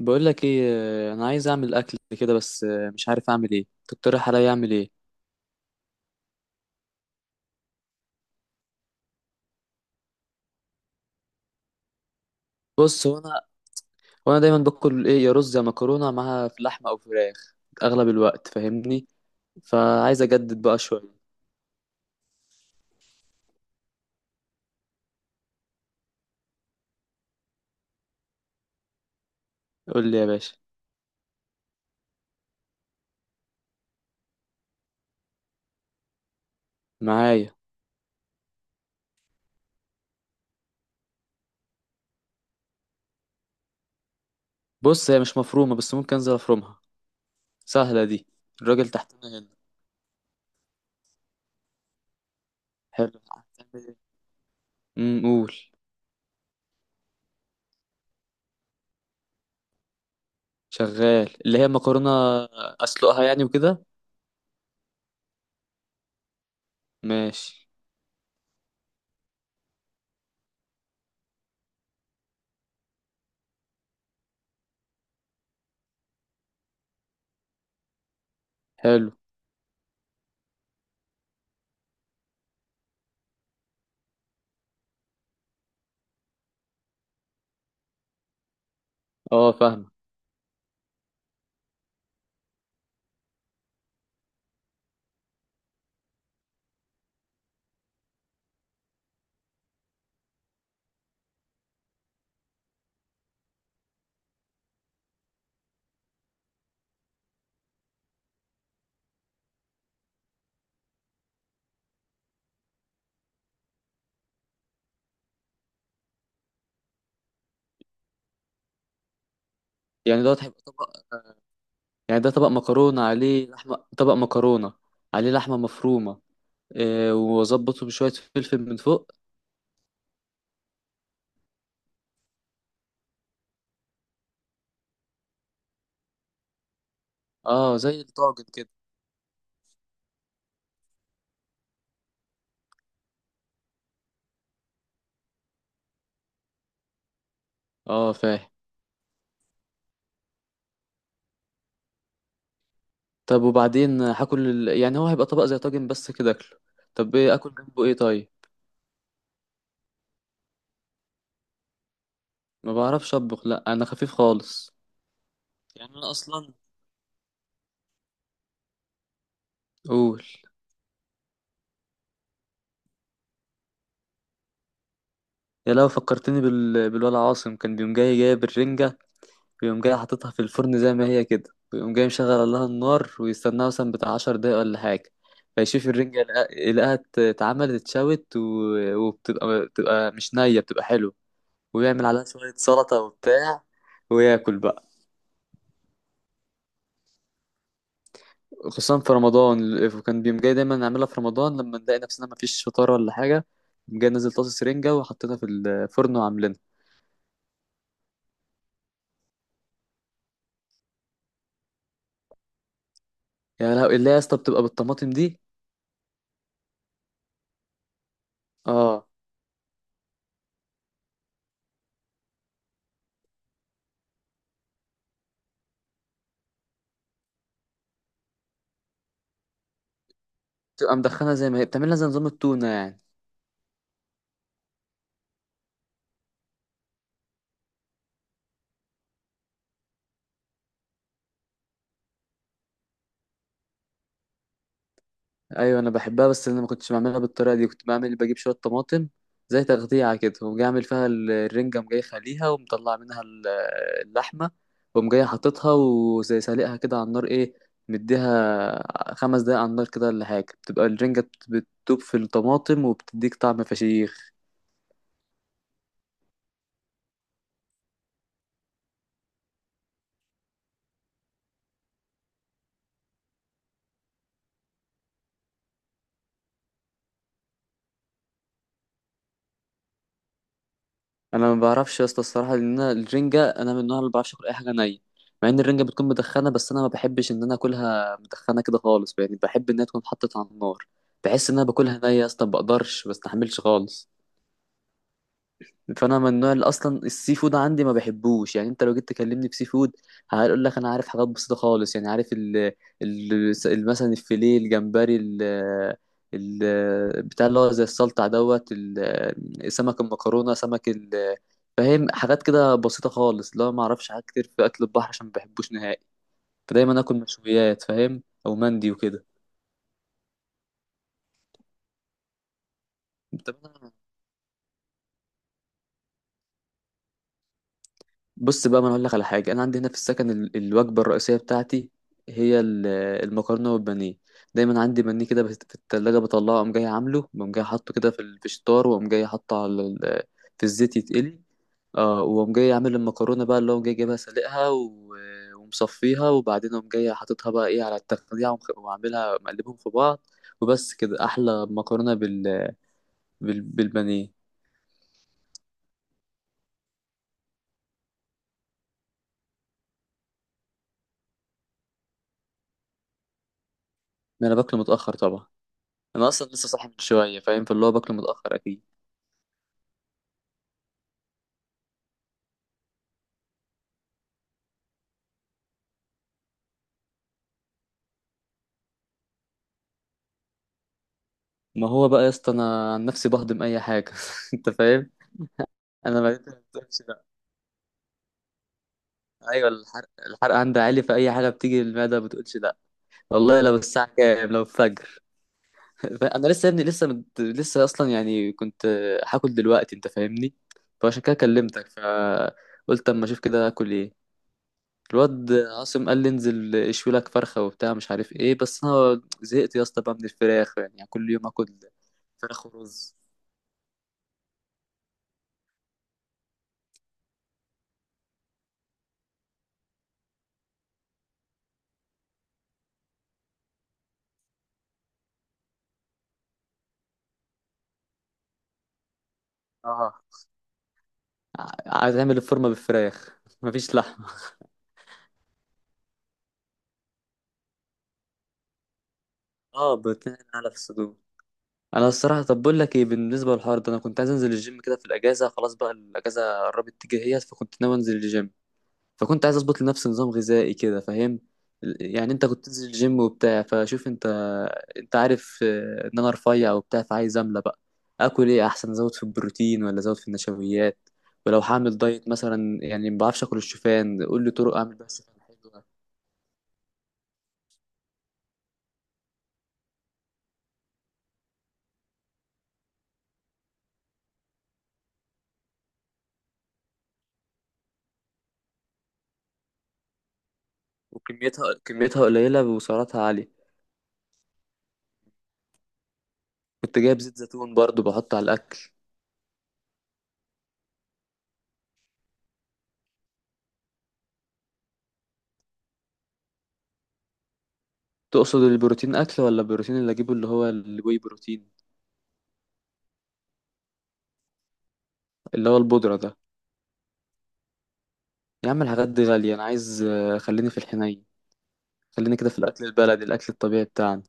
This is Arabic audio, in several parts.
بقول لك ايه؟ انا عايز اعمل اكل كده بس مش عارف اعمل ايه، تقترح عليا اعمل ايه؟ بص، هو انا دايما باكل ايه، يا رز يا مكرونه معاها في لحمه او فراخ اغلب الوقت، فاهمني؟ فعايز اجدد بقى شويه. قول لي يا باشا. معايا. بص، هي مش مفرومه بس ممكن انزل افرمها. سهله دي. الراجل تحتنا هنا. حلو، هتعمل ايه؟ قول. شغال اللي هي مكرونه، اسلقها يعني وكده. ماشي. حلو. اه، فاهمه. يعني دوت هيبقى طبق؟ يعني ده طبق مكرونة عليه لحمة، طبق مكرونة عليه لحمة مفرومة؟ إيه، وأظبطه بشوية فلفل من فوق؟ اه زي الطاجن كده. اه فاهم. طب وبعدين هاكل يعني هو هيبقى طبق زي طاجن بس كده اكله. طب ايه اكل جنبه ايه طيب؟ ما بعرفش اطبخ، لا انا خفيف خالص. يعني انا اصلا. قول. يا، لو فكرتني بالولا عاصم، كان بيقوم جاي جايب الرنجة ويقوم جاي حاططها في الفرن زي ما هي كده، ويقوم جاي مشغل لها النار ويستناها مثلا بتاع عشر دقايق ولا حاجة. فيشوف الرنجة، يلاقيها اتعملت اتشوت وبتبقى مش نية، بتبقى حلوة. ويعمل عليها شوية سلطة وبتاع، وياكل بقى. خصوصا في رمضان، وكان بيقوم جاي دايما نعملها في رمضان لما نلاقي نفسنا مفيش فطار ولا حاجة، يقوم جاي نازل طاسة رنجة وحطيتها في الفرن وعاملينها. يا لهوي، اللي هي يا اسطى، بتبقى بالطماطم دي؟ اه، بتبقى مدخنة زي ما هي، بتعملها زي نظام التونة يعني. ايوه انا بحبها بس انا ما كنتش بعملها بالطريقه دي، كنت بعمل بجيب شويه طماطم زي تغذيه كده، وقوم جاي اعمل فيها الرنجه، قوم جاي خليها ومطلع منها اللحمه، وقوم جاي حاططها وزي سالقها كده على النار، ايه، مديها خمس دقايق على النار كده ولا حاجه، بتبقى الرنجه بتدوب في الطماطم وبتديك طعم فشيخ. انا ما بعرفش يا اسطى الصراحه، لان انا الرنجه، انا من النوع اللي ما بعرفش اكل اي حاجه نيه. مع ان الرنجه بتكون مدخنه بس انا ما بحبش ان انا اكلها مدخنه كده خالص، يعني بحب انها تكون اتحطت على النار. بحس ان انا باكلها نيه يا اسطى، ما بقدرش، ما بستحملش خالص. فانا من النوع اللي اصلا السي فود عندي ما بحبوش، يعني انت لو جيت تكلمني في سي فود، هقول لك انا عارف حاجات بسيطه خالص. يعني عارف ال مثلا الفيليه، الجمبري، ال ال بتاع اللي هو زي السلطع دوت سمك المكرونه، سمك فاهم، حاجات كده بسيطه خالص اللي هو ما اعرفش حاجات كتير في اكل البحر عشان ما بحبوش نهائي. فدايما اكل مشويات، فاهم، او مندي وكده. انت. بص بقى، ما انا اقول لك على حاجه، انا عندي هنا في السكن الوجبه الرئيسيه بتاعتي هي المكرونه والبانيه. دايما عندي بانيه كده في التلاجة بطلعه، اقوم جاي عامله، واقوم جاي حاطه كده في في الشطار، واقوم جاي حاطه على في الزيت يتقلي. اه، واقوم جاي عامل المكرونه بقى اللي هو جاي جايبها، سلقها ومصفيها، وبعدين اقوم جاي حاططها بقى، ايه، على التقليع وعاملها مقلبهم في بعض وبس كده، احلى مكرونه بالبانيه. ما انا باكله متاخر طبعا. انا اصلا لسه صاحي من شويه، فاهم، فاللي هو باكله متاخر اكيد. ما هو بقى يا اسطى، انا عن نفسي بهضم اي حاجه انت فاهم. انا ما بتقولش لا. ايوه، الحرق عندي عالي، في اي حاجه بتيجي للمعده ما بتقولش لا. والله، لو الساعه كام، لو الفجر انا لسه يا ابني، لسه لسه اصلا يعني كنت هاكل دلوقتي انت فاهمني. فعشان كده كلمتك، فقلت اما اشوف كده هاكل ايه. الواد عاصم قال لي انزل اشوي لك فرخه وبتاع مش عارف ايه، بس انا زهقت يا اسطى بقى من الفراخ، يعني كل يوم اكل فراخ ورز. اه. ع- عايز اعمل الفورمه بالفراخ مفيش لحمه. اه، بروتين اعلى في الصدور. انا الصراحه، طب بقول لك ايه، بالنسبه للحوار ده، انا كنت عايز انزل الجيم كده في الاجازه، خلاص بقى الاجازه قربت تيجي هي، فكنت ناوي انزل الجيم. فكنت عايز اظبط لنفسي نظام غذائي كده، فاهم. يعني انت كنت تنزل الجيم وبتاع، فشوف. انت عارف ان انا رفيع وبتاع، فعايز املى بقى. اكل ايه احسن، ازود في البروتين ولا ازود في النشويات؟ ولو هعمل دايت مثلا، يعني ما بعرفش اكل الشوفان، قول لي طرق اعمل بيها الشوفان حلو. وكميتها قليلة وسعراتها عالية. كنت جايب زيت زيتون برضو بحط على الأكل. تقصد البروتين أكل ولا البروتين اللي أجيبه اللي هو الواي بروتين؟ اللي هو البودرة ده؟ يا عم الحاجات دي غالية، أنا عايز خليني في الحنين. خليني كده في الأكل البلدي، الأكل الطبيعي بتاعنا.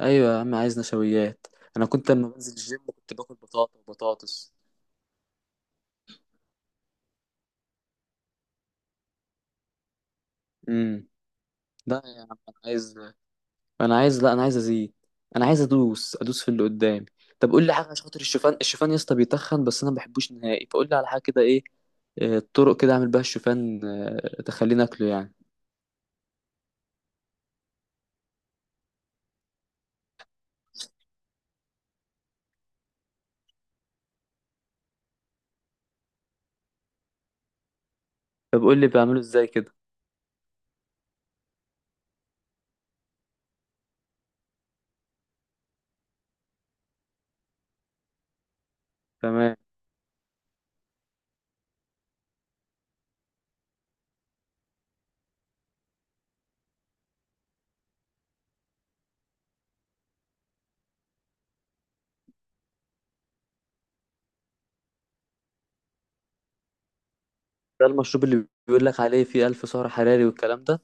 أيوة يا عم، عايز نشويات. أنا كنت لما بنزل الجيم كنت باكل بطاطا وبطاطس. امم لا يا عم، أنا عايز، انا عايز لا انا عايز ازيد، انا عايز ادوس ادوس في اللي قدامي. طب قول لي حاجه عشان خاطر الشوفان، الشوفان يا اسطى بيتخن بس انا ما بحبوش نهائي، فقول لي على حاجه كده ايه. طرق كده اعمل بيها الشوفان تخليني اكله يعني. طب قول لي بعمله ازاي كده. تمام. ده المشروب اللي بيقول لك عليه فيه 1000 سعر حراري والكلام ده؟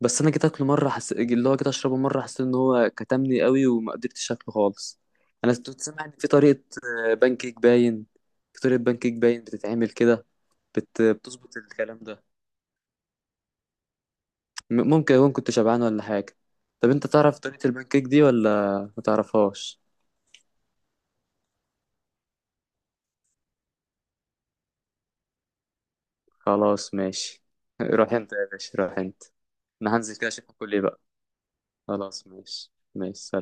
بس انا جيت اكله مره اللي هو جيت اشربه مره، حسيت ان هو كتمني قوي وما قدرتش اكله خالص. انا كنت سامع ان في طريقه بان كيك باين. في طريقه بان كيك باين بتتعمل كده؟ بتظبط الكلام ده؟ ممكن أكون كنت شبعان ولا حاجة. طب أنت تعرف طريقة البانكيك دي ولا ما تعرفهاش؟ خلاص ماشي. روح أنت يا باشا، روح أنت. أنا هنزل كده أشوف كل إيه بقى. خلاص، ماشي ماشي، سلام.